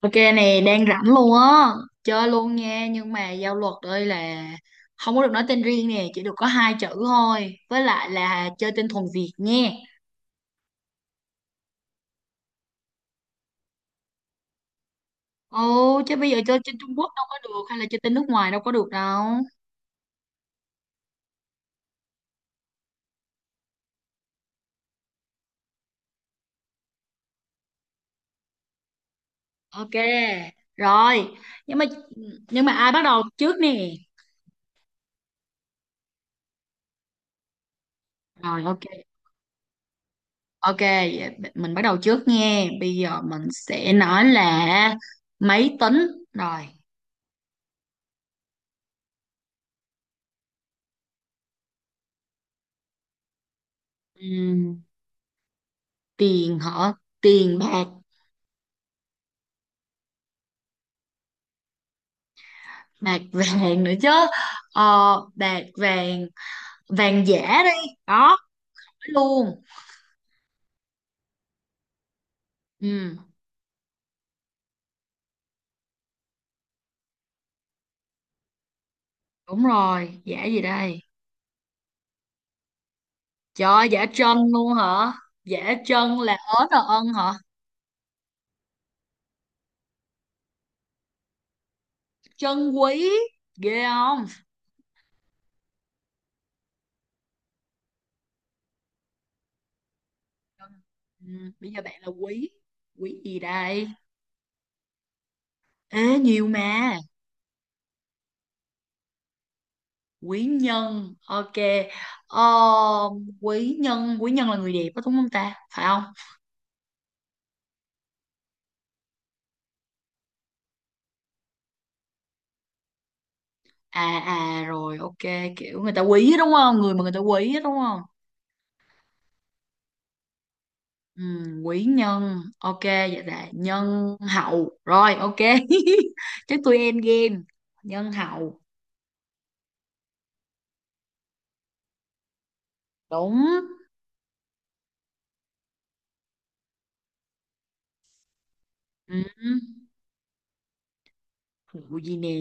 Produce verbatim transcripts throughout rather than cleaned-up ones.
Ok, này đang rảnh luôn á. Chơi luôn nha. Nhưng mà giao luật đây là không có được nói tên riêng nè. Chỉ được có hai chữ thôi. Với lại là chơi tên thuần Việt nha. Ồ chứ bây giờ chơi trên Trung Quốc đâu có được. Hay là chơi tên nước ngoài đâu có được đâu. Ok. Rồi. Nhưng mà nhưng mà ai bắt đầu trước nè? Rồi, ok. Ok, vậy mình bắt đầu trước nha. Bây giờ mình sẽ nói là máy tính. Rồi. Ừm, Tiền hả? Tiền bạc. Bạc vàng nữa chứ. Ờ, bạc vàng. Vàng giả đi. Đó, nói luôn. Ừ đúng rồi, giả gì đây? Trời ơi, giả trân luôn hả? Giả trân là ớn là ân hả? Trân quý. Ghê không? Ừ, bây giờ bạn là quý. Quý gì đây? Ế nhiều mà. Quý nhân ok. ờ, Quý nhân, quý nhân là người đẹp đó đúng không ta, phải không? À à rồi ok, kiểu người ta quý á, đúng không, người mà người ta quý á, đúng không? Ừ, quý nhân ok, vậy là nhân hậu rồi ok. Chắc tôi end game. Nhân hậu. Đúng. Ừ. Vụ gì nè?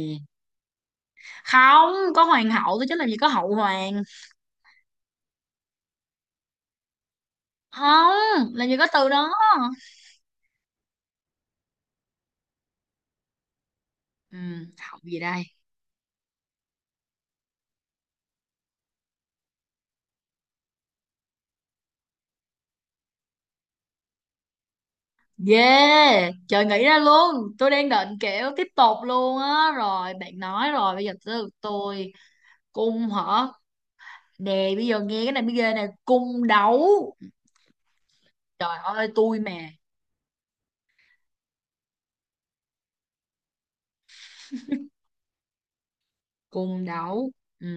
Không có hoàng hậu tôi chứ làm gì có hậu hoàng. Không, làm gì có từ đó. Ừ. Hậu gì đây? Yeah, trời nghĩ ra luôn, tôi đang định kiểu tiếp tục luôn á rồi bạn nói rồi, bây giờ tới lượt tôi. Cung hả? Nè bây giờ nghe cái này mới ghê nè, cung đấu. Trời ơi tôi mà. Cung đấu. Ừ.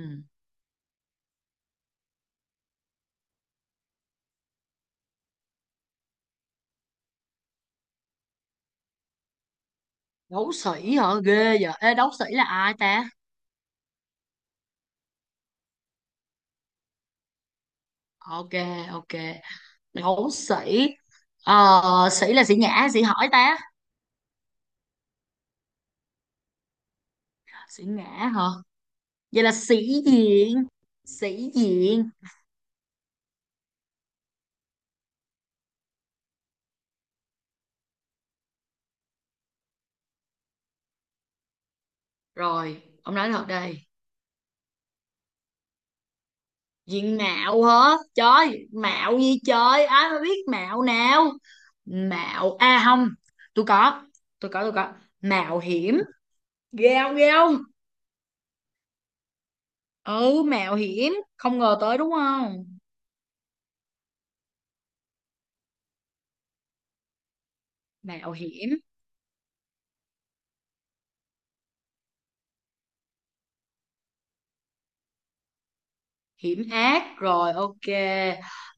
Đấu sĩ hả? Ghê vậy. Ê, đấu sĩ là ai ta? Ok, ok, đấu sĩ. Ờ, sĩ là sĩ nhã hay sĩ hỏi ta? Sĩ ngã. Hả? Vậy là sĩ diện. Sĩ diện. Rồi ông nói thật đây. Diện mạo hả trời, mạo gì trời, ai mà biết mạo nào. Mạo a à, không, tôi có, tôi có tôi có mạo hiểm. Ghê không, ghê không? Ừ mạo hiểm, không ngờ tới đúng không? Mẹo hiểm. Hiểm ác rồi ok.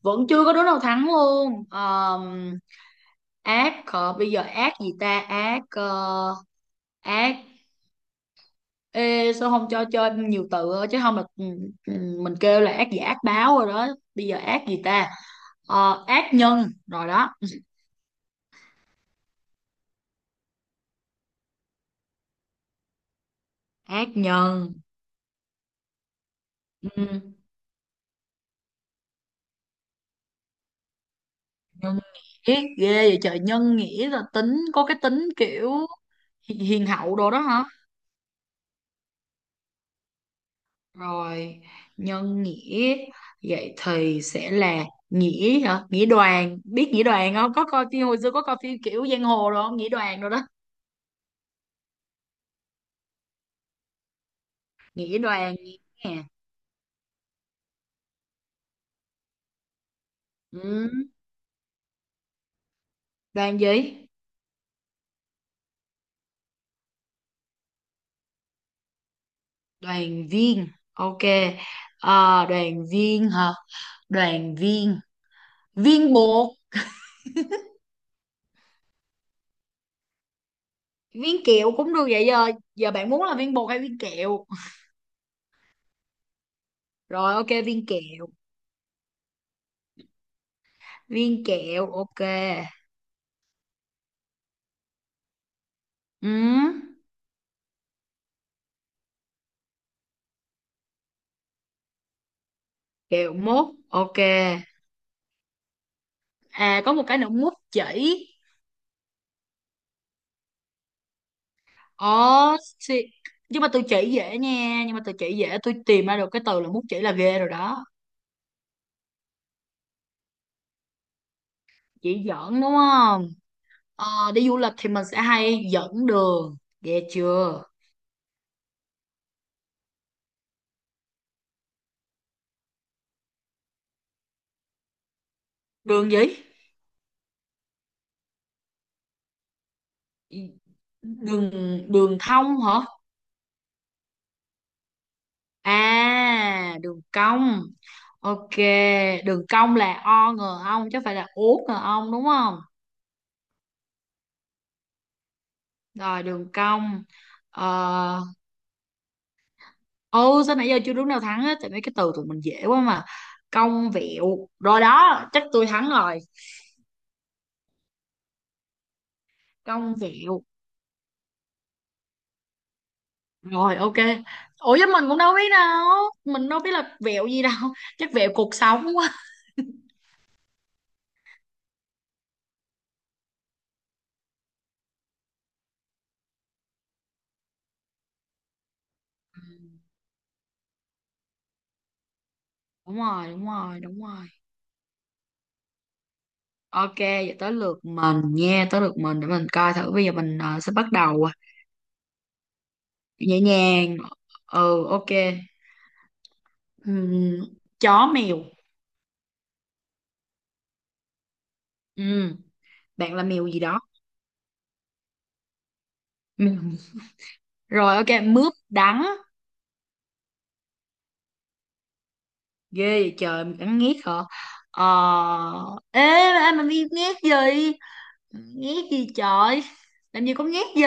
Vẫn chưa có đứa nào thắng luôn. Ờm, ác. ờ, Bây giờ ác gì ta? Ác. ờ, Ác. Ê, sao không cho chơi nhiều từ thôi, chứ không là, ừ, ừ, mình kêu là ác gì, ác báo rồi đó. Bây giờ ác gì ta? Ờ, ác nhân rồi đó. Ác nhân. Ừ, nhân nghĩa. Ghê vậy trời, nhân nghĩa là tính có cái tính kiểu hi- hiền hậu đồ đó hả? Rồi, nhân nghĩa. Vậy thì sẽ là nghĩa hả? Nghĩa đoàn, biết nghĩa đoàn không? Có coi phim hồi xưa, có coi phim kiểu giang hồ rồi không? Nghĩa đoàn rồi đó. Nghĩa đoàn nè. Ừ. Đoàn gì? Đoàn viên. Ok. Ờ, đoàn viên hả? Đoàn viên. Viên bột, viên kẹo cũng được vậy giờ. Giờ bạn muốn là viên bột hay viên kẹo? Rồi ok, viên kẹo. Viên kẹo ok. Ừ. Kẹo mốt ok. À có một cái nữa, mút chỉ. Ồ, xì- nhưng mà tôi chỉ dễ nha, nhưng mà tôi chỉ dễ, tôi tìm ra được cái từ là mút chỉ là ghê rồi đó. Chỉ dẫn đúng không? Ờ, đi du lịch thì mình sẽ hay dẫn đường, ghê chưa? Đường gì? Đường, đường thông hả? À, đường cong. Ok, đường cong là o ngờ ong chứ không phải là ố ngờ ong đúng không? Rồi đường cong. Ờ, ừ sao nãy giờ chưa đúng nào thắng hết, tại mấy cái từ tụi mình dễ quá mà. Cong vẹo rồi đó, chắc tôi thắng rồi. Cong vẹo. Rồi ok. Ủa chứ mình cũng đâu biết đâu, mình đâu biết là vẹo gì đâu. Chắc vẹo cuộc sống quá. Ừ, đúng rồi, đúng rồi, đúng rồi. Ok vậy tới lượt mình nha, tới lượt mình, để mình coi thử, bây giờ mình ờ, sẽ bắt đầu ờ, nhẹ nhàng. Ừ ok. Ừm, Chó mèo. Ừm, Bạn là mèo gì đó? Mèo. Rồi ok, mướp đắng. Ghê vậy trời, mình cắn nghét hả? Ờ. Ê, ai mà biết nghét gì, nghét gì trời, làm gì có nghét gì.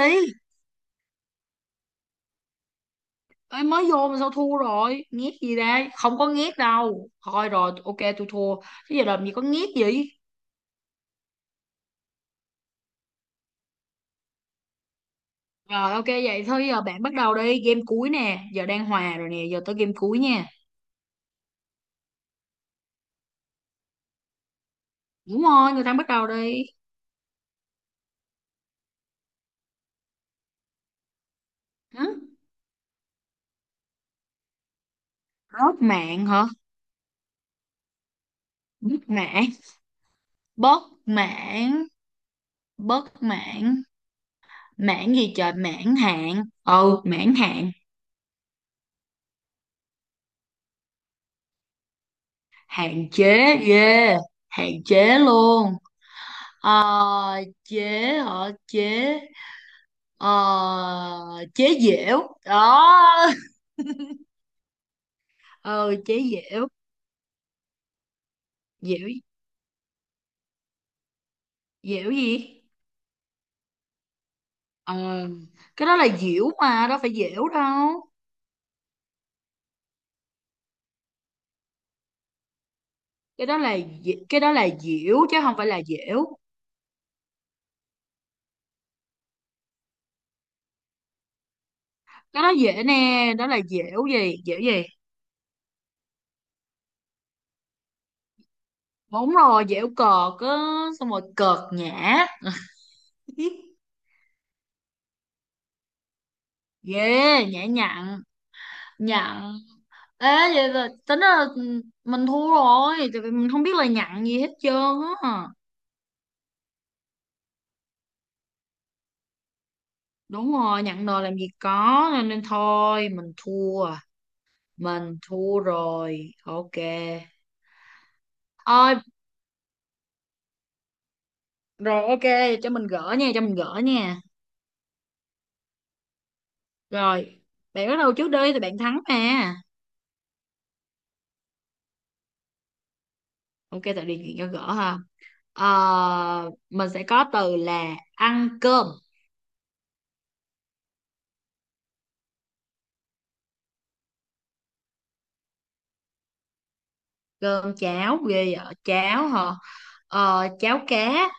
Ê mới vô mà sao thua rồi, nghét gì đây, không có nghét đâu, thôi rồi ok tôi thua. Chứ giờ làm gì có nghét gì. Rồi ok vậy thôi, giờ bạn bắt đầu đi, game cuối nè, giờ đang hòa rồi nè, giờ tới game cuối nha. Đúng rồi, người ta bắt đầu đi. Hử? Rớt mạng hả? Bớt mạng. Bớt mạng. Bớt mạng. Mãn gì trời, mãn hạn, ừ mãn hạn. Hạn chế. Yeah, hạn chế luôn. Ờ chế. Hả? Chế. Ờ chế dẻo đó. Ờ chế dẻo. Dẻo. Dẻo gì? Ờ cái đó là dẻo mà, đâu phải dẻo đâu. Cái đó là dẻ- cái đó là dẻo chứ không phải là dẻo. Cái đó dễ nè, đó là dẻo gì, dẻo gì? Đúng rồi, dẻo cợt á. Xong rồi, cợt nhã. Ghê, nhã nhặn, nhặn. Ê, vậy là tính là, ừ, mình thua rồi, tại vì mình không biết là nhặn gì hết trơn á. Đúng rồi, nhặn nồi làm gì có, nên, nên thôi, mình thua. Mình thua rồi, ok. Ôi, rồi ok, cho mình gỡ nha, cho mình gỡ nha. Rồi, bạn bắt đầu trước đi, thì bạn thắng mà. Ok, tại điều kiện cho gỡ ha. Ờ, mình sẽ có từ là ăn cơm. Cơm cháo ghê vậy, cháo hả? Ờ, cháo cá.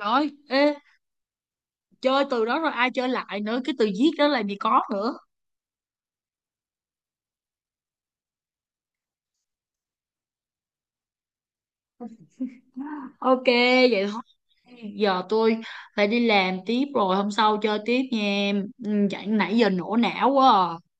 Rồi ê, chơi từ đó rồi ai chơi lại nữa, cái từ viết đó làm gì có nữa. Ok vậy thôi, giờ tôi phải đi làm tiếp rồi, hôm sau chơi tiếp nha em. Ừ, nãy giờ nổ não quá à.